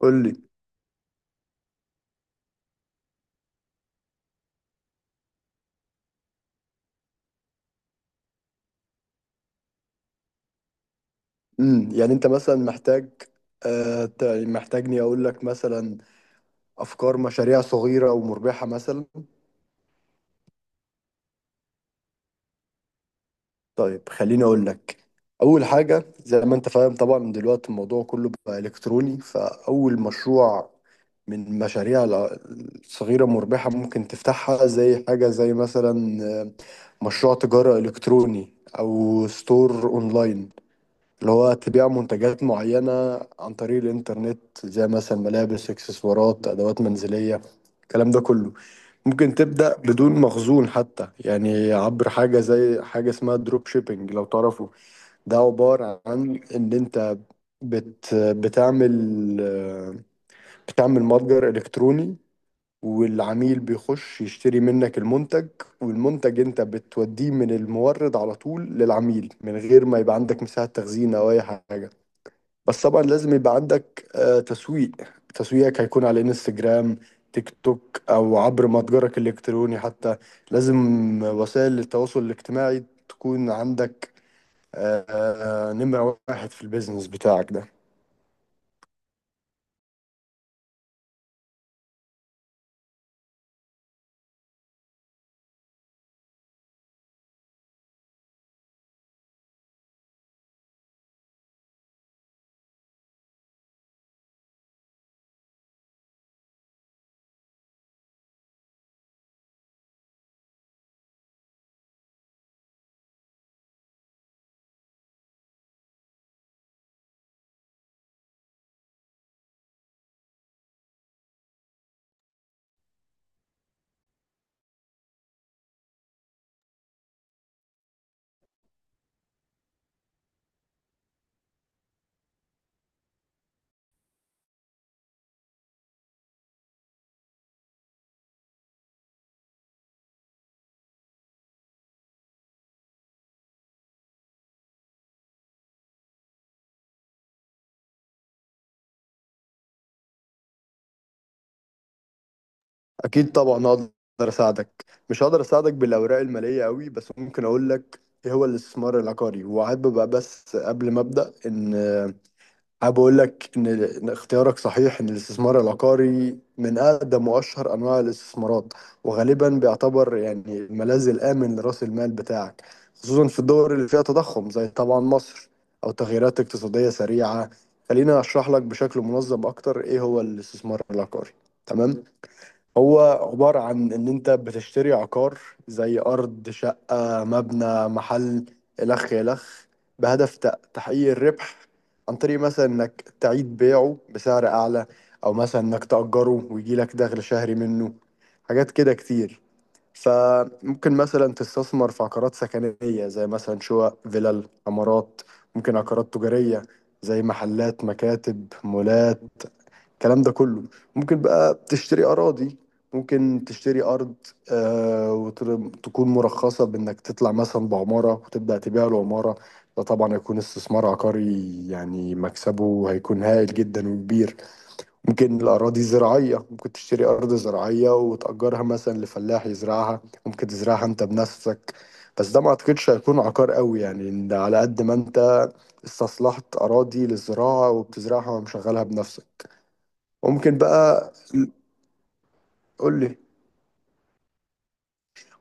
قول لي. يعني انت مثلا محتاج. محتاجني اقول لك مثلا افكار مشاريع صغيره ومربحه مثلا. طيب، خليني اقول لك. اول حاجه زي ما انت فاهم طبعا دلوقتي الموضوع كله بقى الكتروني، فاول مشروع من الصغيره مربحه ممكن تفتحها زي حاجه زي مثلا مشروع تجاره الكتروني او ستور اونلاين، اللي هو تبيع منتجات معينة عن طريق الإنترنت زي مثلا ملابس، إكسسوارات، أدوات منزلية، الكلام ده كله. ممكن تبدأ بدون مخزون حتى، يعني عبر حاجة زي حاجة اسمها دروب شيبينج لو تعرفوا. ده عبارة عن إن أنت بتعمل بتعمل متجر إلكتروني، والعميل بيخش يشتري منك المنتج، والمنتج انت بتوديه من المورد على طول للعميل من غير ما يبقى عندك مساحة تخزين او اي حاجة. بس طبعا لازم يبقى عندك تسويق. تسويقك هيكون على انستجرام، تيك توك، او عبر متجرك الالكتروني حتى. لازم وسائل التواصل الاجتماعي تكون عندك نمرة واحد في البيزنس بتاعك ده. اكيد طبعا هقدر اساعدك. مش هقدر اساعدك بالاوراق المالية قوي، بس ممكن اقول لك ايه هو الاستثمار العقاري وعاد ببقى. بس قبل ما ابدا ان حابب أقول لك إن اختيارك صحيح، إن الاستثمار العقاري من أقدم وأشهر أنواع الاستثمارات، وغالبا بيعتبر يعني الملاذ الآمن لرأس المال بتاعك، خصوصا في الدول اللي فيها تضخم زي طبعا مصر، أو تغييرات اقتصادية سريعة. خليني أشرح لك بشكل منظم أكتر إيه هو الاستثمار العقاري. تمام. هو عبارة عن إن أنت بتشتري عقار زي أرض، شقة، مبنى، محل، إلخ إلخ، بهدف تحقيق الربح عن طريق مثلا إنك تعيد بيعه بسعر أعلى، أو مثلا إنك تأجره ويجيلك دخل شهري منه، حاجات كده كتير. فممكن مثلا تستثمر في عقارات سكنية زي مثلا شقق، فيلل، عمارات. ممكن عقارات تجارية زي محلات، مكاتب، مولات، الكلام ده كله. ممكن بقى تشتري أراضي. ممكن تشتري أرض آه وتكون مرخصة بإنك تطلع مثلا بعمارة وتبدأ تبيع العمارة، ده طبعا هيكون استثمار عقاري يعني مكسبه هيكون هائل جدا وكبير. ممكن الأراضي زراعية، ممكن تشتري أرض زراعية وتأجرها مثلا لفلاح يزرعها، ممكن تزرعها أنت بنفسك، بس ده ما أعتقدش هيكون عقار قوي، يعني إن ده على قد ما أنت استصلحت أراضي للزراعة وبتزرعها ومشغلها بنفسك. ممكن بقى. قول لي.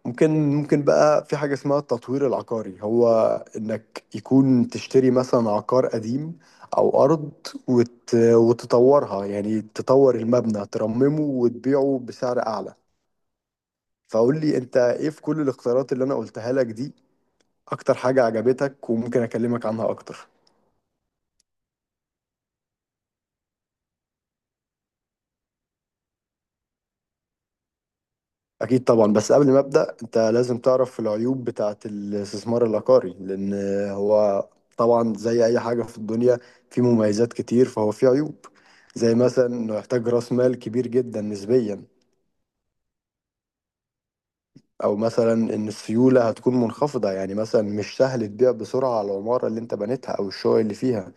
ممكن بقى في حاجة اسمها التطوير العقاري، هو انك يكون تشتري مثلا عقار قديم او ارض وتطورها، يعني تطور المبنى، ترممه، وتبيعه بسعر اعلى. فقول لي انت ايه في كل الاختيارات اللي انا قلتها لك دي اكتر حاجة عجبتك وممكن اكلمك عنها اكتر. أكيد طبعا. بس قبل ما أبدأ، أنت لازم تعرف العيوب بتاعة الاستثمار العقاري. لأن هو طبعا زي أي حاجة في الدنيا، فيه مميزات كتير فهو فيه عيوب. زي مثلا إنه يحتاج رأس مال كبير جدا نسبيا، أو مثلا إن السيولة هتكون منخفضة، يعني مثلا مش سهل تبيع بسرعة على العمارة اللي أنت بنيتها أو الشقق اللي فيها.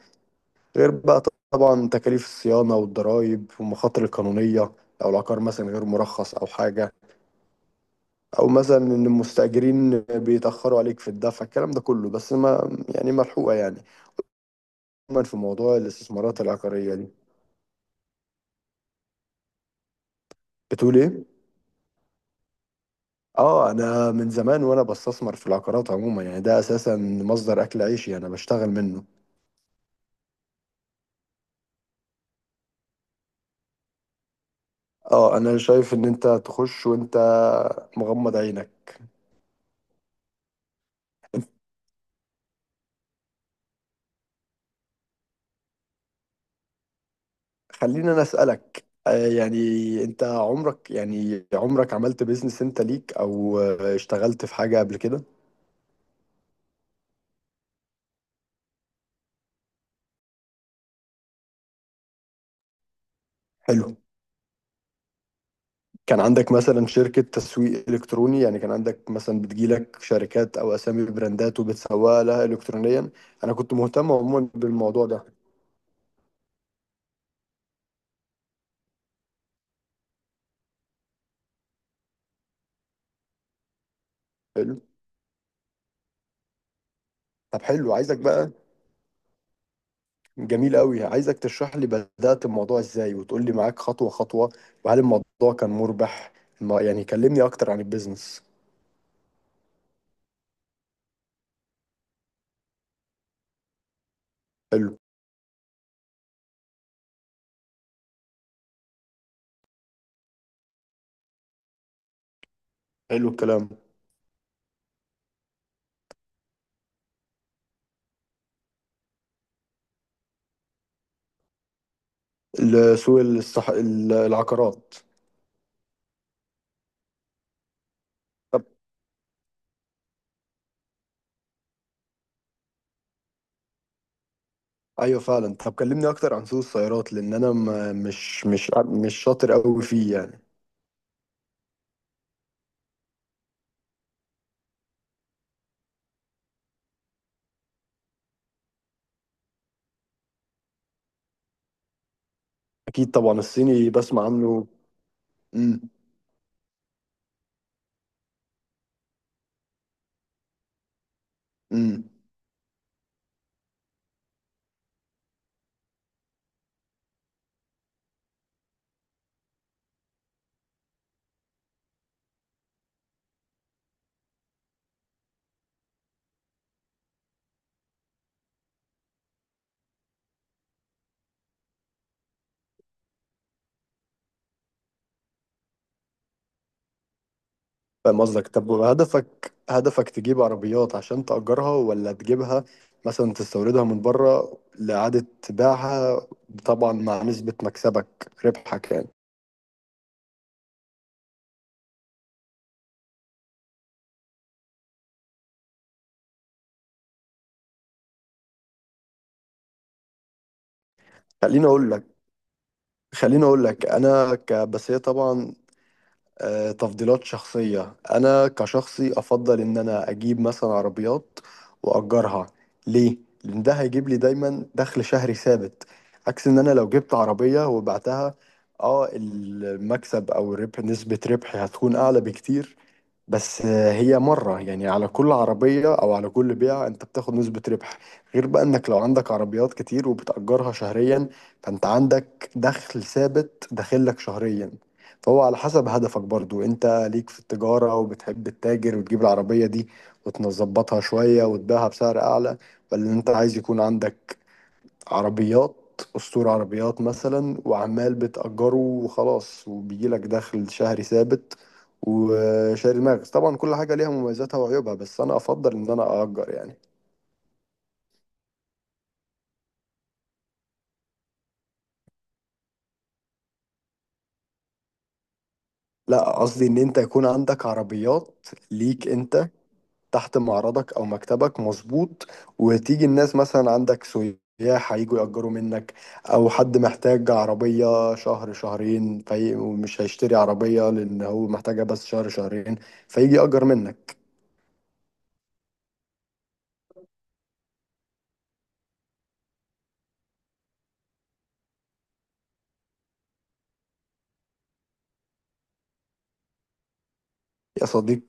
غير بقى طبعا تكاليف الصيانة والضرايب والمخاطر القانونية لو العقار مثلا غير مرخص أو حاجة، او مثلا ان المستاجرين بيتاخروا عليك في الدفع، الكلام ده كله، بس ما يعني ملحوقه يعني. عموما في موضوع الاستثمارات العقاريه دي بتقول ايه؟ اه، انا من زمان وانا بستثمر في العقارات عموما، يعني ده اساسا مصدر اكل عيشي انا بشتغل منه. اه، انا شايف ان انت تخش وانت مغمض عينك. خليني انا اسالك يعني انت عمرك عملت بيزنس انت ليك او اشتغلت في حاجه قبل كده؟ حلو. كان عندك مثلا شركة تسويق إلكتروني، يعني كان عندك مثلا بتجيلك شركات أو أسامي براندات وبتسوق لها إلكترونيا؟ أنا كنت مهتم عموما بالموضوع ده. حلو. طب حلو، عايزك بقى. جميل قوي، عايزك تشرح لي بدأت الموضوع إزاي وتقول لي معاك خطوة خطوة، وهل الموضوع كان مربح. يعني كلمني أكتر عن البيزنس. حلو. حلو الكلام. العقارات. طب ايوه فعلا. طب كلمني اكتر عن سوق السيارات، لان انا ما مش مش مش شاطر قوي فيه يعني. اكيد طبعا، الصيني بسمع عنه. امم. امم. فاهم قصدك. طب هدفك، هدفك تجيب عربيات عشان تأجرها ولا تجيبها مثلا تستوردها من بره لإعادة بيعها، طبعا مع نسبة مكسبك ربحك يعني؟ خليني اقول لك. بس هي طبعا تفضيلات شخصية. أنا كشخصي أفضل إن أنا أجيب مثلا عربيات وأجرها. ليه؟ لأن ده هيجيب لي دايما دخل شهري ثابت، عكس إن أنا لو جبت عربية وبعتها. اه، المكسب أو الربح، نسبة ربحي هتكون أعلى بكتير، بس هي مرة يعني، على كل عربية أو على كل بيعة أنت بتاخد نسبة ربح. غير بقى إنك لو عندك عربيات كتير وبتأجرها شهريا، فأنت عندك دخل ثابت داخلك شهريا. فهو على حسب هدفك برضو، أنت ليك في التجارة وبتحب التاجر وتجيب العربية دي وتظبطها شوية وتبيعها بسعر أعلى، ولا أنت عايز يكون عندك عربيات أسطورة عربيات مثلا وعمال بتأجره وخلاص وبيجيلك دخل شهري ثابت وشاري دماغك. طبعا كل حاجة ليها مميزاتها وعيوبها، بس أنا أفضل إن أنا أأجر يعني. لا، قصدي إن أنت يكون عندك عربيات ليك أنت تحت معرضك أو مكتبك، مظبوط، وتيجي الناس مثلا عندك سياح هيجوا يأجروا منك، أو حد محتاج عربية شهر شهرين في ومش هيشتري عربية لأن هو محتاجها بس شهر شهرين، فيجي يأجر منك. يا صديقي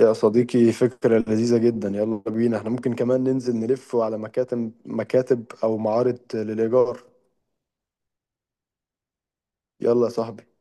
يا صديقي، فكرة لذيذة جدا، يلا بينا. احنا ممكن كمان ننزل نلف على مكاتب أو معارض للإيجار. يلا يا صاحبي.